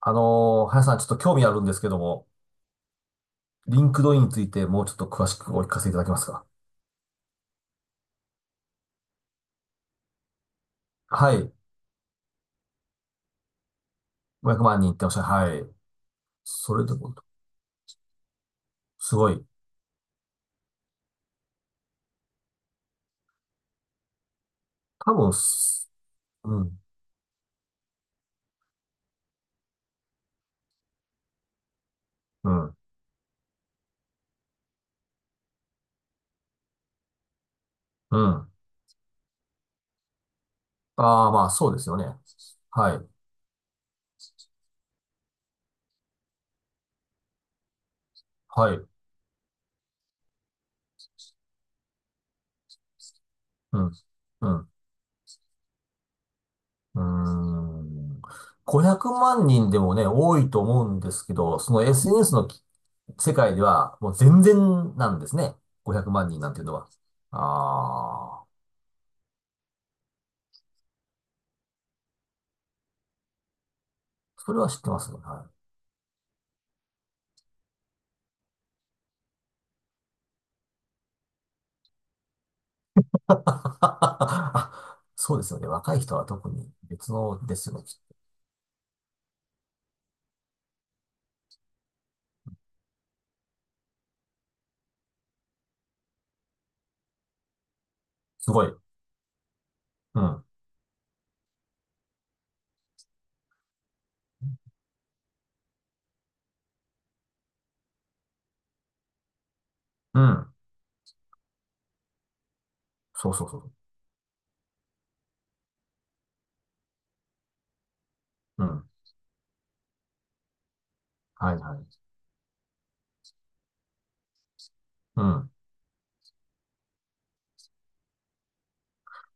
林さん、ちょっと興味あるんですけども、リンクドインについてもうちょっと詳しくお聞かせいただけますか。はい。500万人っておっしゃるはい。それでも、すごい。多分、すうん、うん、うん。ああ、まあ、そうですよね。はい、はい、うん、うん。うーん。500万人でもね、多いと思うんですけど、その SNS のき世界ではもう全然なんですね。500万人なんていうのは。ああ、それは知ってますね。はい。 あ、そうですよね。若い人は特に別のですよね。すごい。うん。うん。そうそうそう。うん。はいはい。うん。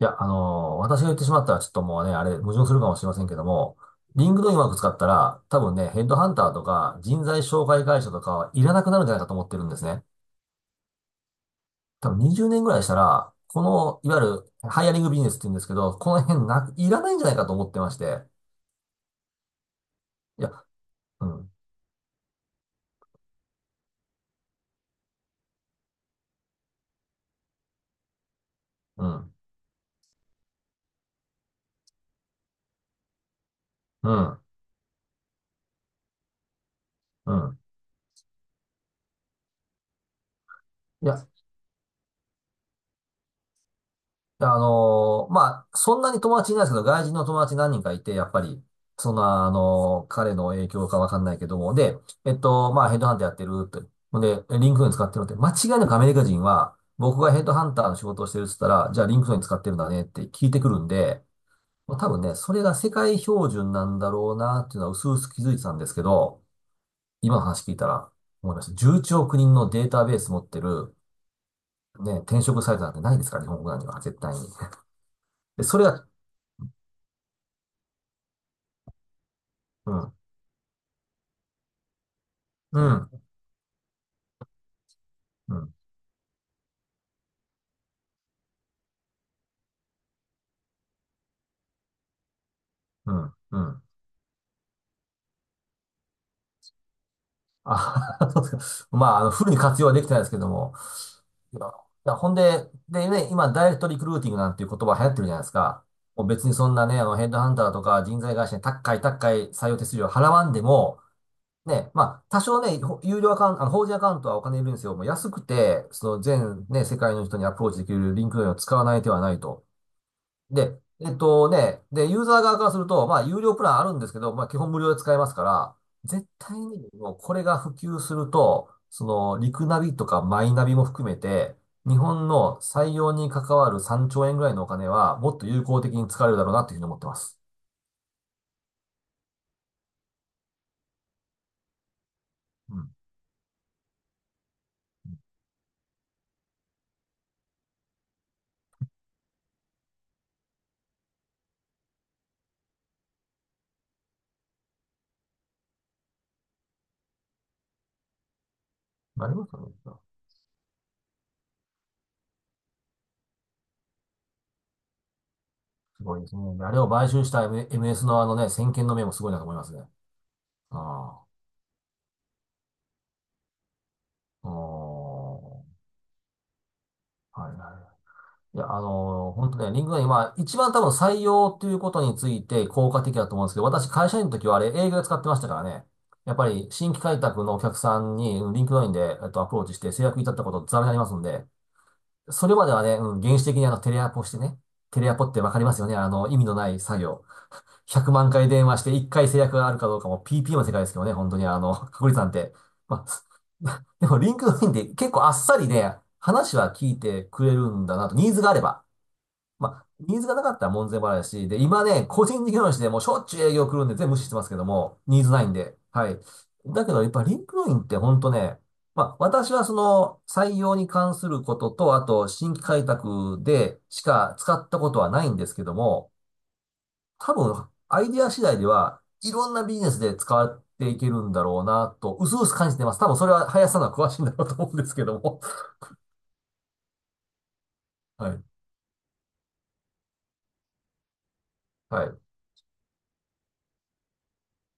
いや、私が言ってしまったらちょっともうね、あれ、矛盾するかもしれませんけども、リングドインうまく使ったら、多分ね、ヘッドハンターとか人材紹介会社とかはいらなくなるんじゃないかと思ってるんですね。多分20年ぐらいしたら、この、いわゆるハイアリングビジネスって言うんですけど、この辺なく、いらないんじゃないかと思ってまして。いや、うん、うん、うん、うん。いや、まあ、そんなに友達いないですけど、外人の友達何人かいて、やっぱり、そんな、彼の影響かわかんないけども、で、まあ、ヘッドハンターやってるって、ほんで、リンクトイン使ってるって、間違いなくアメリカ人は、僕がヘッドハンターの仕事をしてるって言ったら、じゃあリンクトイン使ってるんだねって聞いてくるんで、もう多分ね、それが世界標準なんだろうなっていうのは薄々気づいてたんですけど、今の話聞いたら思いました。11人のデータベース持ってる、ね、転職サイトなんてないですから、日本国内には絶対に。で、それが、うん、うん、うん、うん、うん。あ、そうですか。まあ、あの、フルに活用はできてないですけども。いや、ほんで、でね、今、ダイレクトリクルーティングなんていう言葉流行ってるじゃないですか。もう別にそんなね、あの、ヘッドハンターとか人材会社に高い高い採用手数料払わんでも、ね、まあ、多少ね、有料アカウント、あの、法人アカウントはお金いるんですよ。もう安くて、その全ね、世界の人にアプローチできるリンクドインを使わない手はないと。で、で、ユーザー側からすると、まあ、有料プランあるんですけど、まあ、基本無料で使えますから、絶対に、もう、これが普及すると、その、リクナビとかマイナビも含めて、日本の採用に関わる3兆円ぐらいのお金は、もっと有効的に使われるだろうなというふうに思ってます。うん。ありますよね。すごいですね。あれを買収した MS のあのね、先見の明もすごいなと思いますね。ああ。おー。はいはい。いや、本当ね、リンクドインは一番多分採用ということについて効果的だと思うんですけど、私会社員の時はあれ営業で使ってましたからね。やっぱり新規開拓のお客さんにリンクドインで、アプローチして制約いたったことざらにありますんで、それまではね、うん、原始的にあのテレアポしてね、テレアポってわかりますよね。あの、意味のない作業。100万回電話して1回制約があるかどうかも PP の世界ですけどね、本当にあの、確率なんて。まあ、でもリンクドインって結構あっさりね、話は聞いてくれるんだなと、ニーズがあれば。まあ、ニーズがなかったら門前払いだし、で、今ね、個人事業主でもうしょっちゅう営業来るんで全部無視してますけども、ニーズないんで。はい。だけど、やっぱリンクドインって本当ね、まあ、私はその採用に関することと、あと新規開拓でしか使ったことはないんですけども、多分、アイディア次第では、いろんなビジネスで使っていけるんだろうなと、うすうす感じてます。多分それは林さんの方が詳しいんだろうと思うんですけども。はい。はい。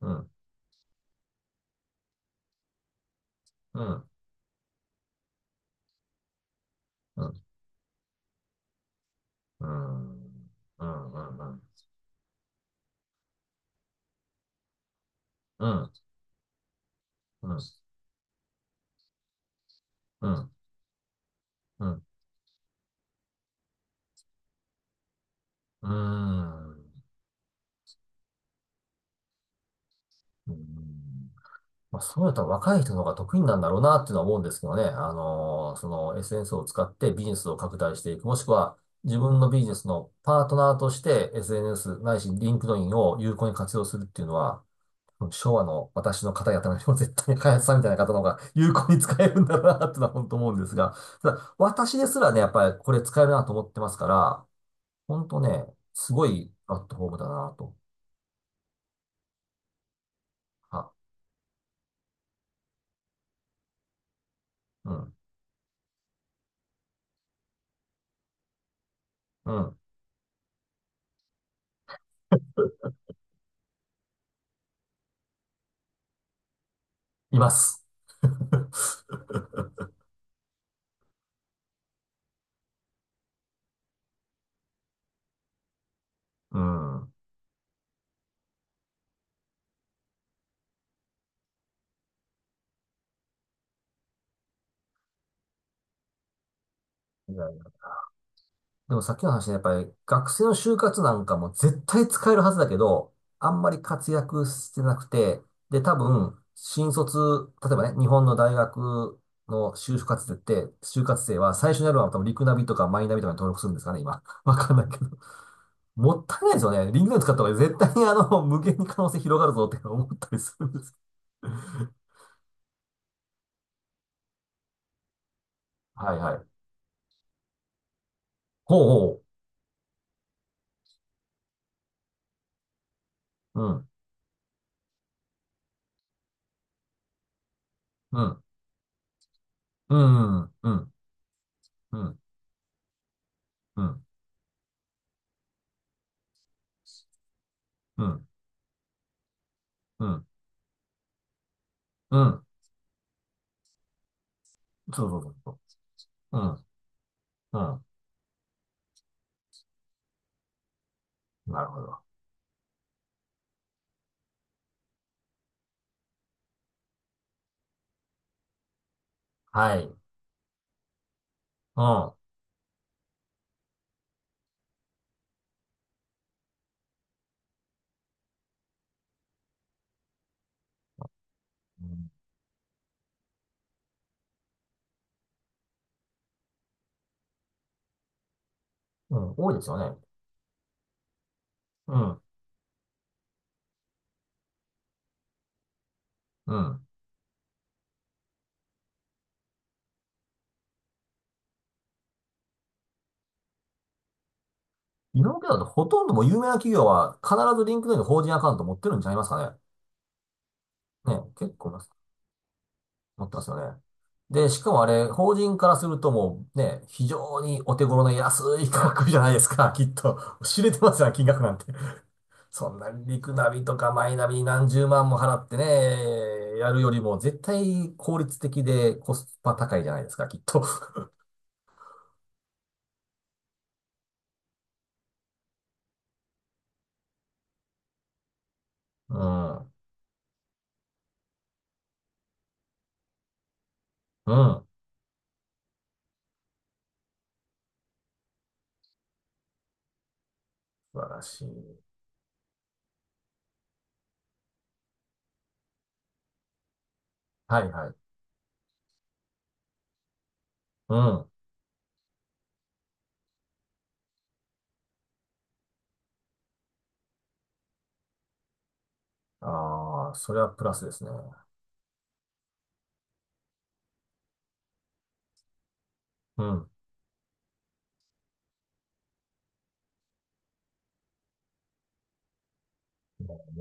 うん。うん。うん。うん。うん。うん。うん。うん、うん、うん、うん、うーん。うん、まあ、そうやったら若い人の方が得意なんだろうなっていうのは思うんですけどね。その SNS を使ってビジネスを拡大していく。もしくは自分のビジネスのパートナーとして SNS ないしリンクドインを有効に活用するっていうのは、昭和の私の方々よりも絶対に開発さんみたいな方の方が有効に使えるんだろうなっていうのは本当思うんですが、ただ私ですらね、やっぱりこれ使えるなと思ってますから、本当ね、すごいプラットフォームだなと。あ、うん、うん、います。うん。いやいや。でもさっきの話ね、やっぱり学生の就活なんかも絶対使えるはずだけど、あんまり活躍してなくて、で、多分、新卒、例えばね、日本の大学の就活生って、就活生は最初にやるのは多分リクナビとかマイナビとかに登録するんですかね、今。わかんないけど。もったいないですよね。リンクナビ使った方が絶対にあの、無限に可能性広がるぞって思ったりするんです。はいはい。ほうほう。うん。うん。うん、うん、うん、うん、うん、うん、うん、うん、そうそうそうそう。うん、うん。なるほど。はい。うん。うん、うん、多いですよね。うん、うん。今までだとほとんどもう有名な企業は必ずリンクドインの法人アカウント持ってるんちゃいますかね。ね、結構います持ってますよね。で、しかもあれ、法人からするともうね、非常にお手頃な安い価格じゃないですか、きっと。知れてますよ、金額なんて。そんなリクナビとかマイナビに何十万も払ってね、やるよりも絶対効率的でコスパ高いじゃないですか、きっと。うん。うん。素晴らしい。はいはい。うん。ああ、それはプラスですね。うん。ね